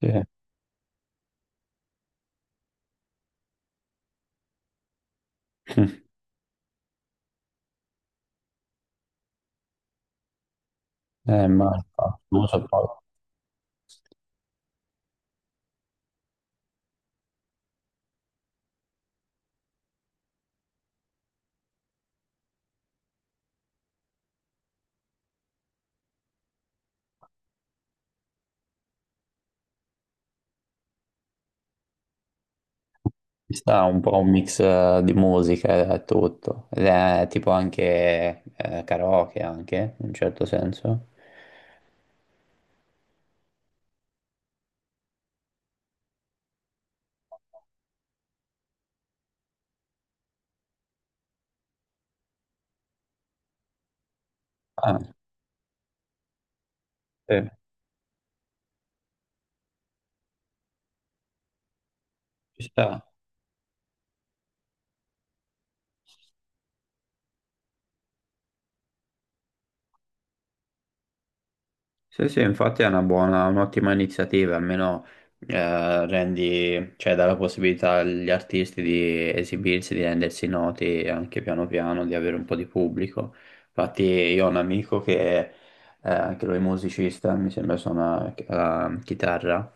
Sì, ma non so, poi ci sta un po' un mix di musica e tutto, ed è tipo anche karaoke anche, in un certo senso. Ah, sì, ci sta. Sì, sì, infatti è una buona, un'ottima iniziativa, almeno rendi, cioè dà la possibilità agli artisti di esibirsi, di rendersi noti anche piano piano, di avere un po' di pubblico. Infatti io ho un amico che anche lui è musicista, mi sembra suona la chitarra,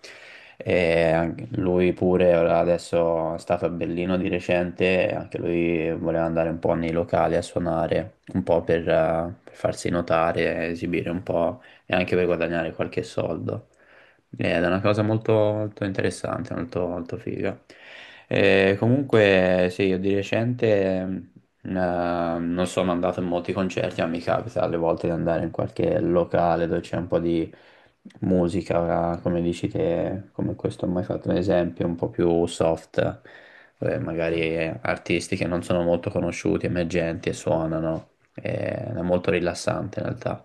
e anche lui pure ora adesso è stato a Berlino di recente, e anche lui voleva andare un po' nei locali a suonare, un po' per farsi notare, esibire un po' e anche per guadagnare qualche soldo. Ed è una cosa molto, molto interessante, molto, molto figa. Comunque, sì, io di recente eh, non sono andato in molti concerti, ma mi capita alle volte di andare in qualche locale dove c'è un po' di musica, come dici te, come questo ho mai fatto un esempio, un po' più soft, magari artisti che non sono molto conosciuti, emergenti e suonano. È molto rilassante in realtà.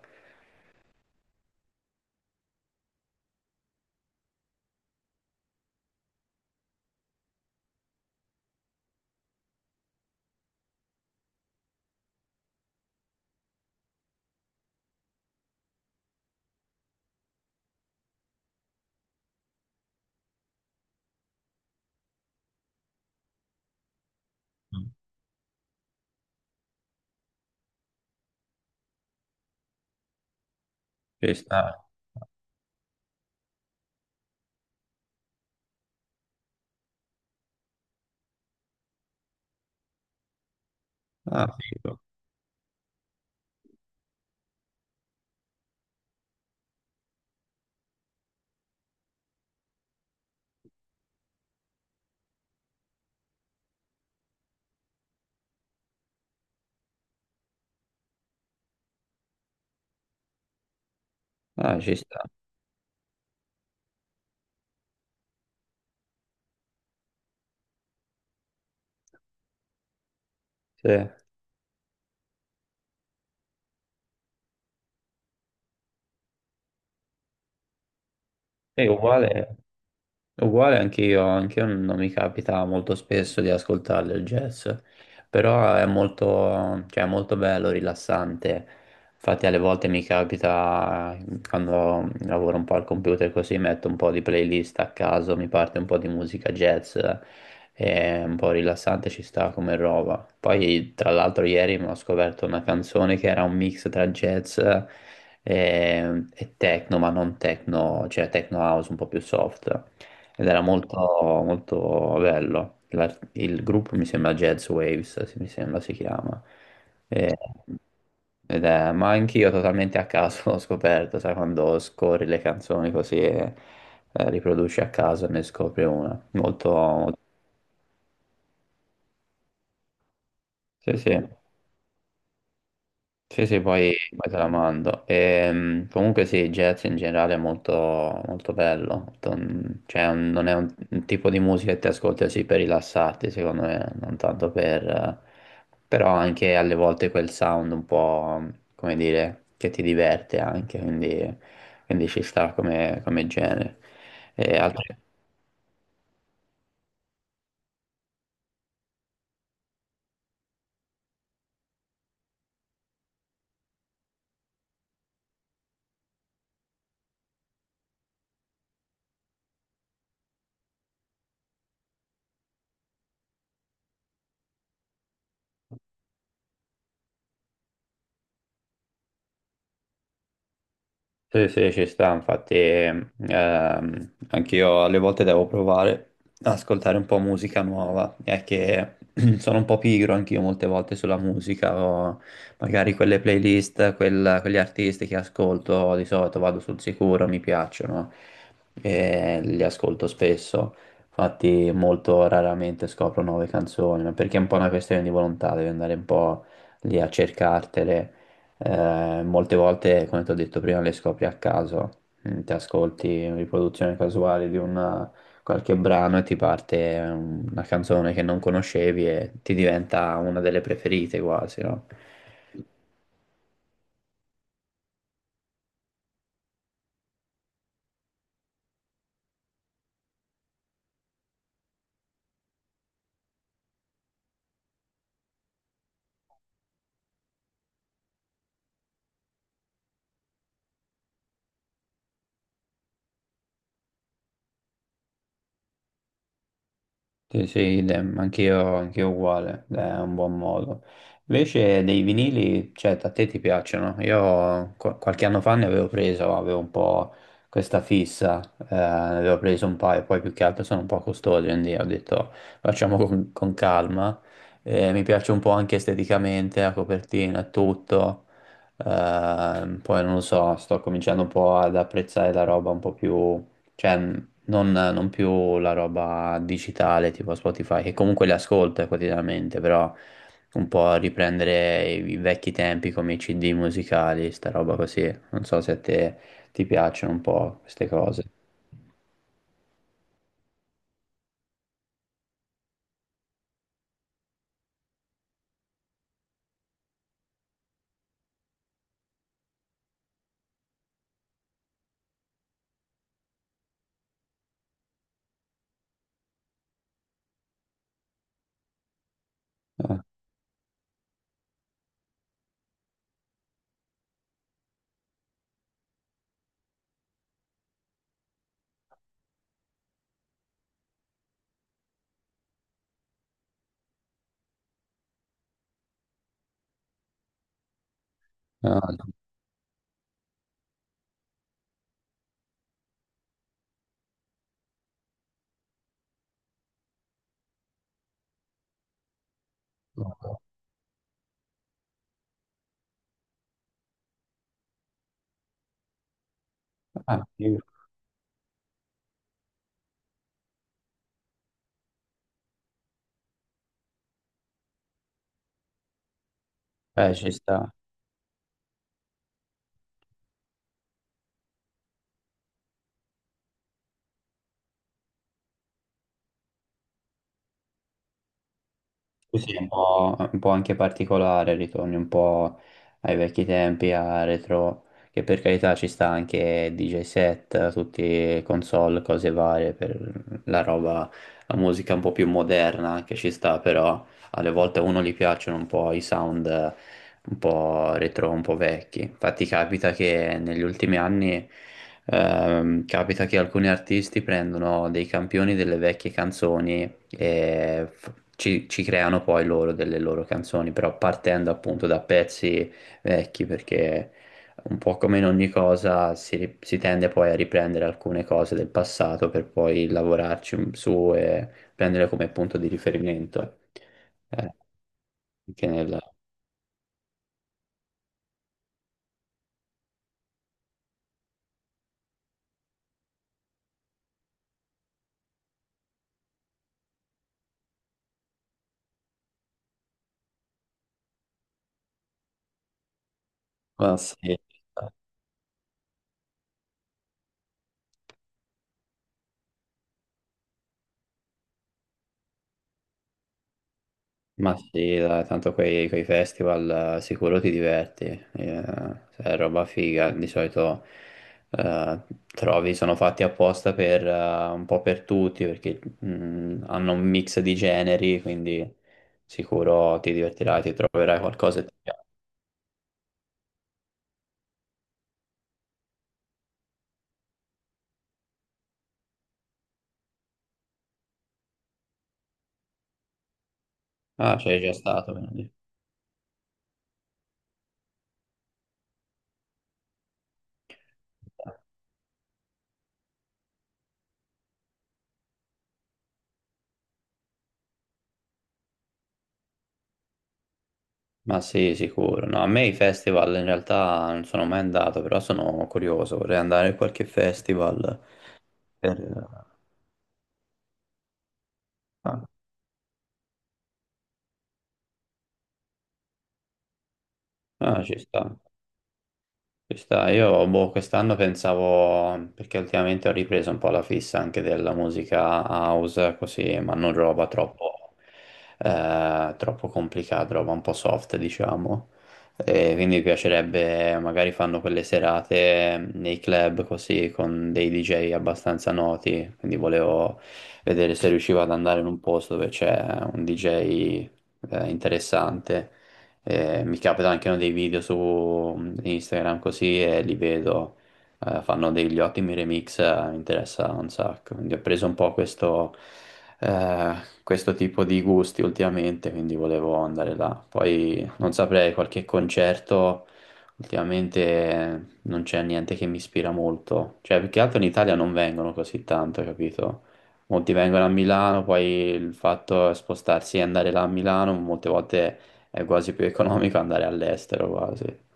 Ci sta. Ah, figo. Ah, ci sta. Sì. È uguale. Uguale anche io non mi capita molto spesso di ascoltarle il jazz, però è molto, cioè, è molto bello, rilassante. Infatti alle volte mi capita, quando lavoro un po' al computer così, metto un po' di playlist a caso, mi parte un po' di musica jazz, è un po' rilassante, ci sta come roba. Poi tra l'altro ieri mi ho scoperto una canzone che era un mix tra jazz e techno, ma non techno, cioè techno house un po' più soft ed era molto, molto bello. Il gruppo mi sembra Jazz Waves, mi sembra si chiama. E- ma anch'io totalmente a caso l'ho scoperto, sai, quando scorri le canzoni così e riproduci a caso e ne scopri una. Molto, molto- sì, sì. Sì, sì, poi, poi te la mando. Comunque sì, jazz in generale è molto, molto bello, cioè non è un tipo di musica che ti ascolti così per rilassarti, secondo me, non tanto per... però anche alle volte quel sound un po', come dire, che ti diverte anche, quindi, quindi ci sta come, come genere. E ho altri sì, sì, ci sta, infatti anch'io alle volte devo provare ad ascoltare un po' musica nuova, è che sono un po' pigro anch'io molte volte sulla musica, o magari quelle playlist, quegli artisti che ascolto di solito vado sul sicuro, mi piacciono e li ascolto spesso, infatti molto raramente scopro nuove canzoni, ma perché è un po' una questione di volontà, devi andare un po' lì a cercartele. Molte volte, come ti ho detto prima, le scopri a caso, mm, ti ascolti una riproduzione casuale di una- qualche brano e ti parte una canzone che non conoscevi e ti diventa una delle preferite quasi, no? Sì, sì, idem, anch'io uguale, è un buon modo. Invece dei vinili, cioè, a te ti piacciono? Io qualche anno fa ne avevo preso, avevo un po' questa fissa, ne avevo preso un paio, poi più che altro sono un po' costosi, quindi ho detto facciamo con calma. Mi piace un po' anche esteticamente, la copertina, e tutto. Poi non lo so, sto cominciando un po' ad apprezzare la roba un po' più... Cioè, non, non più la roba digitale tipo Spotify, che comunque le ascolto quotidianamente, però un po' riprendere i, i vecchi tempi come i CD musicali, sta roba così. Non so se a te ti piacciono un po' queste cose. Ah, ah, sì. Ci sta. Sì, sì, un po' anche particolare, ritorni un po' ai vecchi tempi, a retro, che per carità ci sta anche DJ set, tutti console, cose varie, per la roba, la musica un po' più moderna anche ci sta, però alle volte a uno gli piacciono un po' i sound un po' retro, un po' vecchi. Infatti capita che negli ultimi anni capita che alcuni artisti prendono dei campioni delle vecchie canzoni e ci, ci creano poi loro delle loro canzoni, però partendo appunto da pezzi vecchi perché un po' come in ogni cosa si, si tende poi a riprendere alcune cose del passato per poi lavorarci su e prendere come punto di riferimento eh, anche nel, ma sì, ma sì, dai, tanto quei, quei festival sicuro ti diverti, cioè, è roba figa, di solito eh, trovi, sono fatti apposta per, un po' per tutti, perché hanno un mix di generi, quindi sicuro ti divertirai, ti troverai qualcosa e ti piace. Ah, c'è già stato, quindi. Ma sì, sicuro. No, a me i festival in realtà non sono mai andato, però sono curioso, vorrei andare a qualche festival. per- ah, ah, ci sta, ci sta. Io boh, quest'anno pensavo, perché ultimamente ho ripreso un po' la fissa anche della musica house, così, ma non roba troppo, troppo complicata, roba un po' soft, diciamo. E quindi mi piacerebbe, magari fanno quelle serate nei club così, con dei DJ abbastanza noti, quindi volevo vedere se riuscivo ad andare in un posto dove c'è un DJ interessante mi capitano anche no, dei video su mm, Instagram così e li vedo, fanno degli ottimi remix, mi interessa un sacco. Quindi ho preso un po' questo, eh, questo tipo di gusti ultimamente, quindi volevo andare là. Poi non saprei, qualche concerto ultimamente non c'è niente che mi ispira molto. Cioè, più che altro in Italia non vengono così tanto, capito? Molti vengono a Milano, poi il fatto è spostarsi e andare là a Milano, molte volte è quasi più economico andare all'estero quasi.